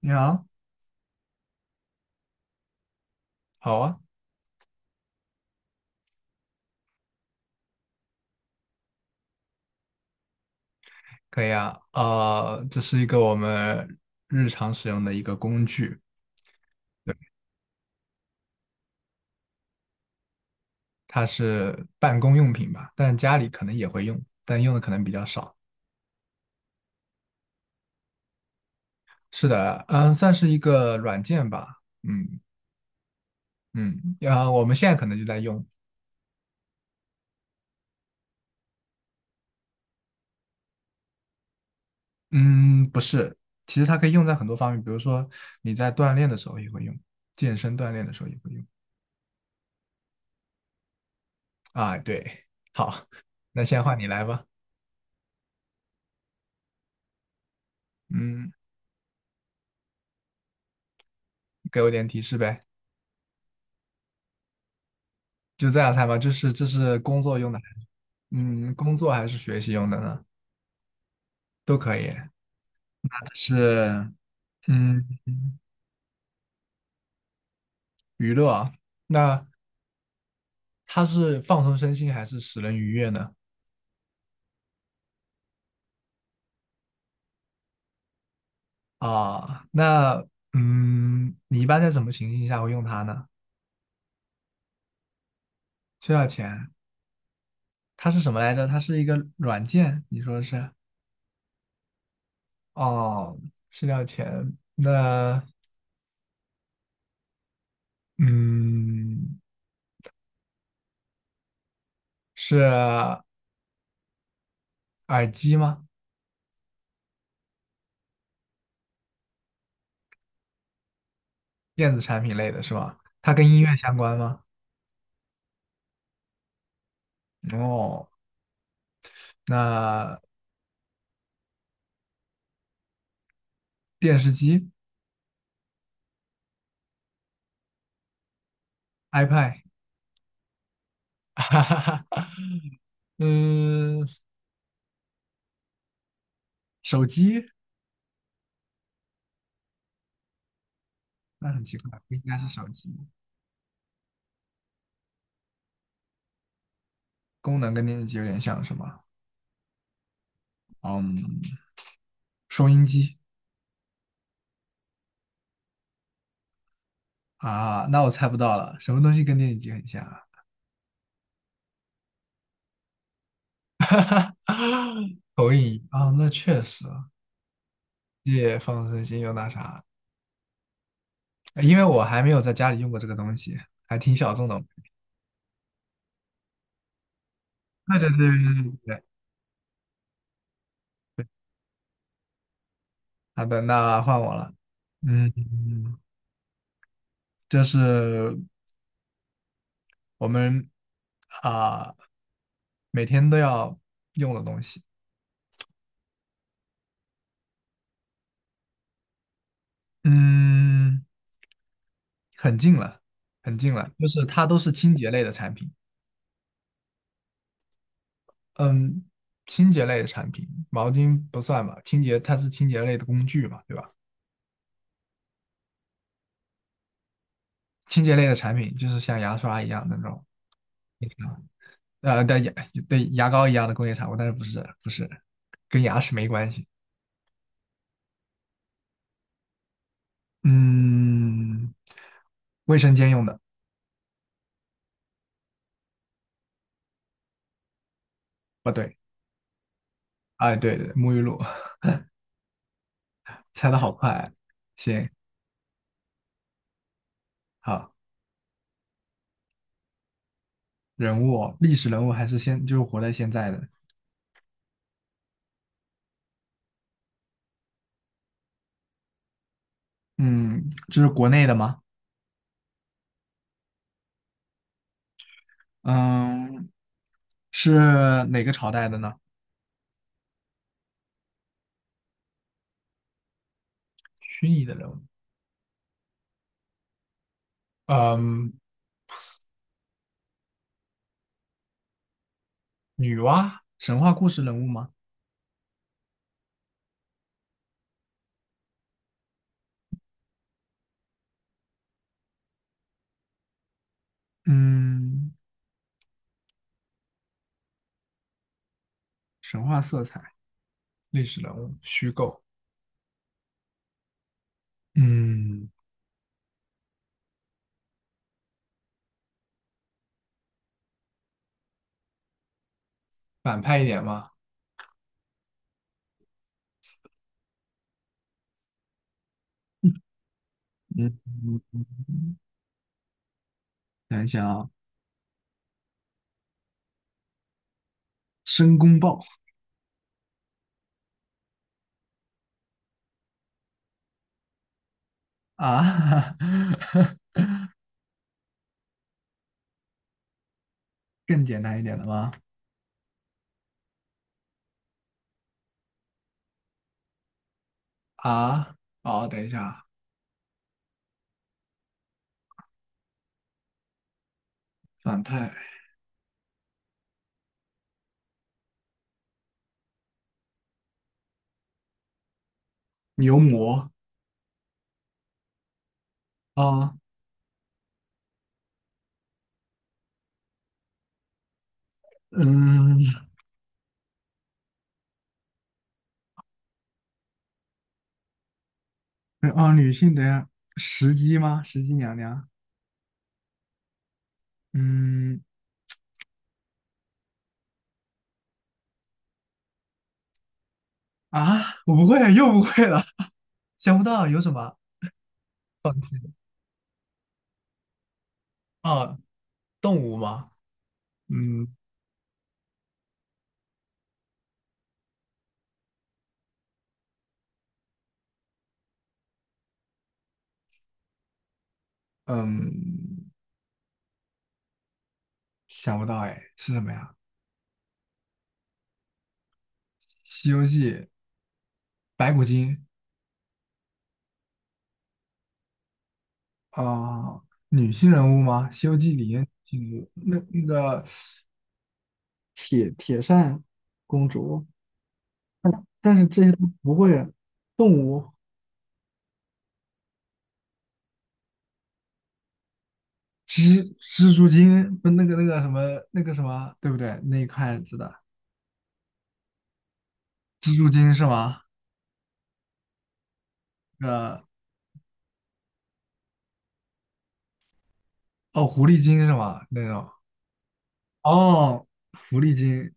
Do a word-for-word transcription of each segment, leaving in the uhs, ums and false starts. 你好。好啊。可以啊，呃，这是一个我们日常使用的一个工具。对，它是办公用品吧，但家里可能也会用，但用的可能比较少。是的，嗯，算是一个软件吧。嗯嗯，啊，我们现在可能就在用。嗯，不是，其实它可以用在很多方面，比如说你在锻炼的时候也会用，健身锻炼的时候也会用。啊，对。好。那现在换你来吧。嗯，给我点提示呗。就这样猜吧，就是这是工作用的。嗯，工作还是学习用的呢？都可以。是。嗯。娱乐啊。那它是放松身心还是使人愉悦呢？啊，那嗯，你一般在什么情形下会用它呢？需要钱，它是什么来着？它是一个软件，你说是？哦，需要钱。那嗯，是耳机吗？电子产品类的是吧？它跟音乐相关吗？哦，那电视机、iPad,哈哈哈，嗯，手机。那很奇怪，不应该是手机。功能跟电视机有点像是吗？嗯，收音机啊，那我猜不到了，什么东西跟电视机很像啊？投影仪啊，那确实也放身心又那啥，因为我还没有在家里用过这个东西，还挺小众的。对对对对对对。好的，那换我了。嗯，这是我们啊、每天都要用的东西。嗯，很近了，很近了，就是它都是清洁类的产品。嗯，清洁类的产品，毛巾不算吧，清洁它是清洁类的工具嘛，对吧？清洁类的产品就是像牙刷一样的那种。呃，对牙对牙膏一样的工业产物，但是不是不是，跟牙齿没关系。嗯，卫生间用的。不对。哎对对，沐浴露，猜的好快啊。行。好。人物哦历史人物还是现，就是活在现在的。嗯，这是国内的吗？嗯，是哪个朝代的呢？虚拟的人物。嗯，女娲，神话故事人物吗？嗯，神话色彩，历史人物，虚构。嗯，反派一点吗？嗯，想一想啊，申公豹啊，更简单一点的吗？啊，哦，等一下啊，反派牛魔啊。哦嗯，哦，女性的一石姬吗？石姬娘娘？嗯啊，我不会，又不会了，想不到有什么啊，动物吗？嗯嗯，想不到哎，是什么呀？《西游记》白骨精啊、女性人物吗？《西游记》里面女性人物那那个铁铁扇公主，但是这些都不会。动物蜘蜘蛛精不那个那个什么那个什么，对不对？那一块子的蜘蛛精是吗？呃，哦，狐狸精是吗？那种哦，狐狸精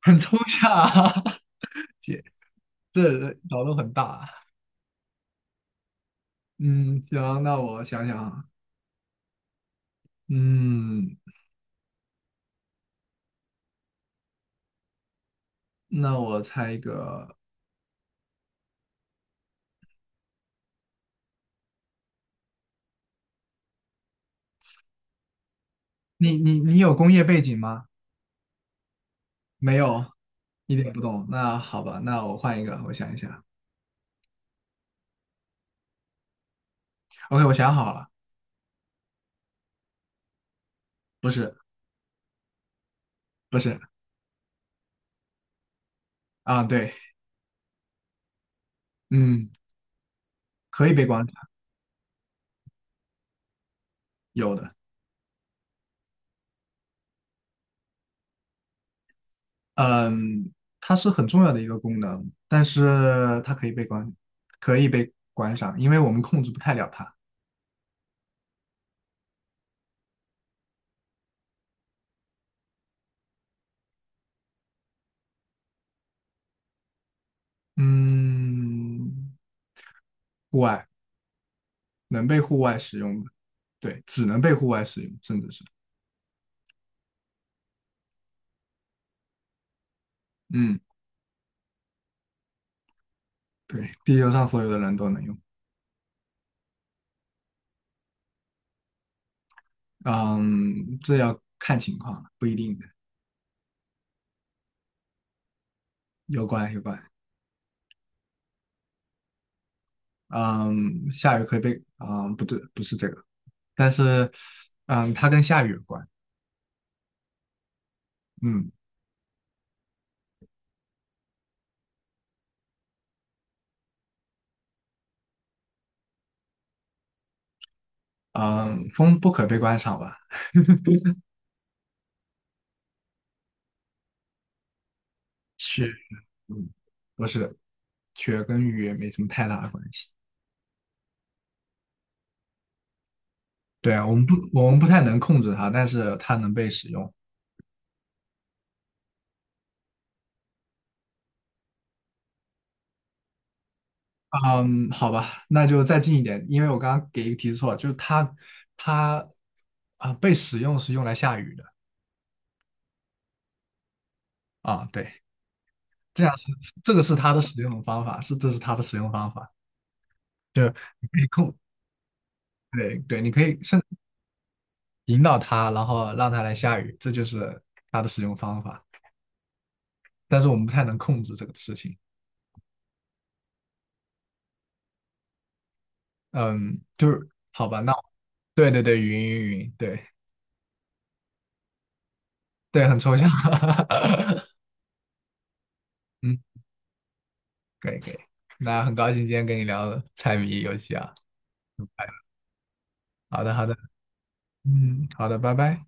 很抽象啊 姐，这脑洞很大啊。嗯，行，那我想想啊。嗯，那我猜一个，你你你有工业背景吗？没有，一点不懂。那好吧，那我换一个，我想一想。OK,我想好了。不是。不是。啊，对。嗯，可以被关。有的。嗯，它是很重要的一个功能，但是它可以被关，可以被关上，因为我们控制不太了它。嗯，户外能被户外使用的，对，只能被户外使用，甚至是，嗯，对，地球上所有的人都能用。嗯，这要看情况了，不一定的。有关有关。嗯，下雨可以被，嗯，不对，不是这个，但是，嗯，它跟下雨有关。嗯。嗯，风不可被关上吧？是。嗯，不是，雪跟雨言没什么太大的关系。对啊，我们不，我们不太能控制它，但是它能被使用。嗯，好吧，那就再近一点，因为我刚刚给一个提示错了，就是它，它啊、被使用是用来下雨的啊，对，这样是这个是它的使用方法，是这是它的使用方法，就你可以控，对对，你可以甚至引导它，然后让它来下雨，这就是它的使用方法，但是我们不太能控制这个事情。嗯，就是好吧，那对对对，云云云，对对，很抽象，嗯，可以可以。那很高兴今天跟你聊猜谜游戏啊。好的好的。嗯，好的，拜拜。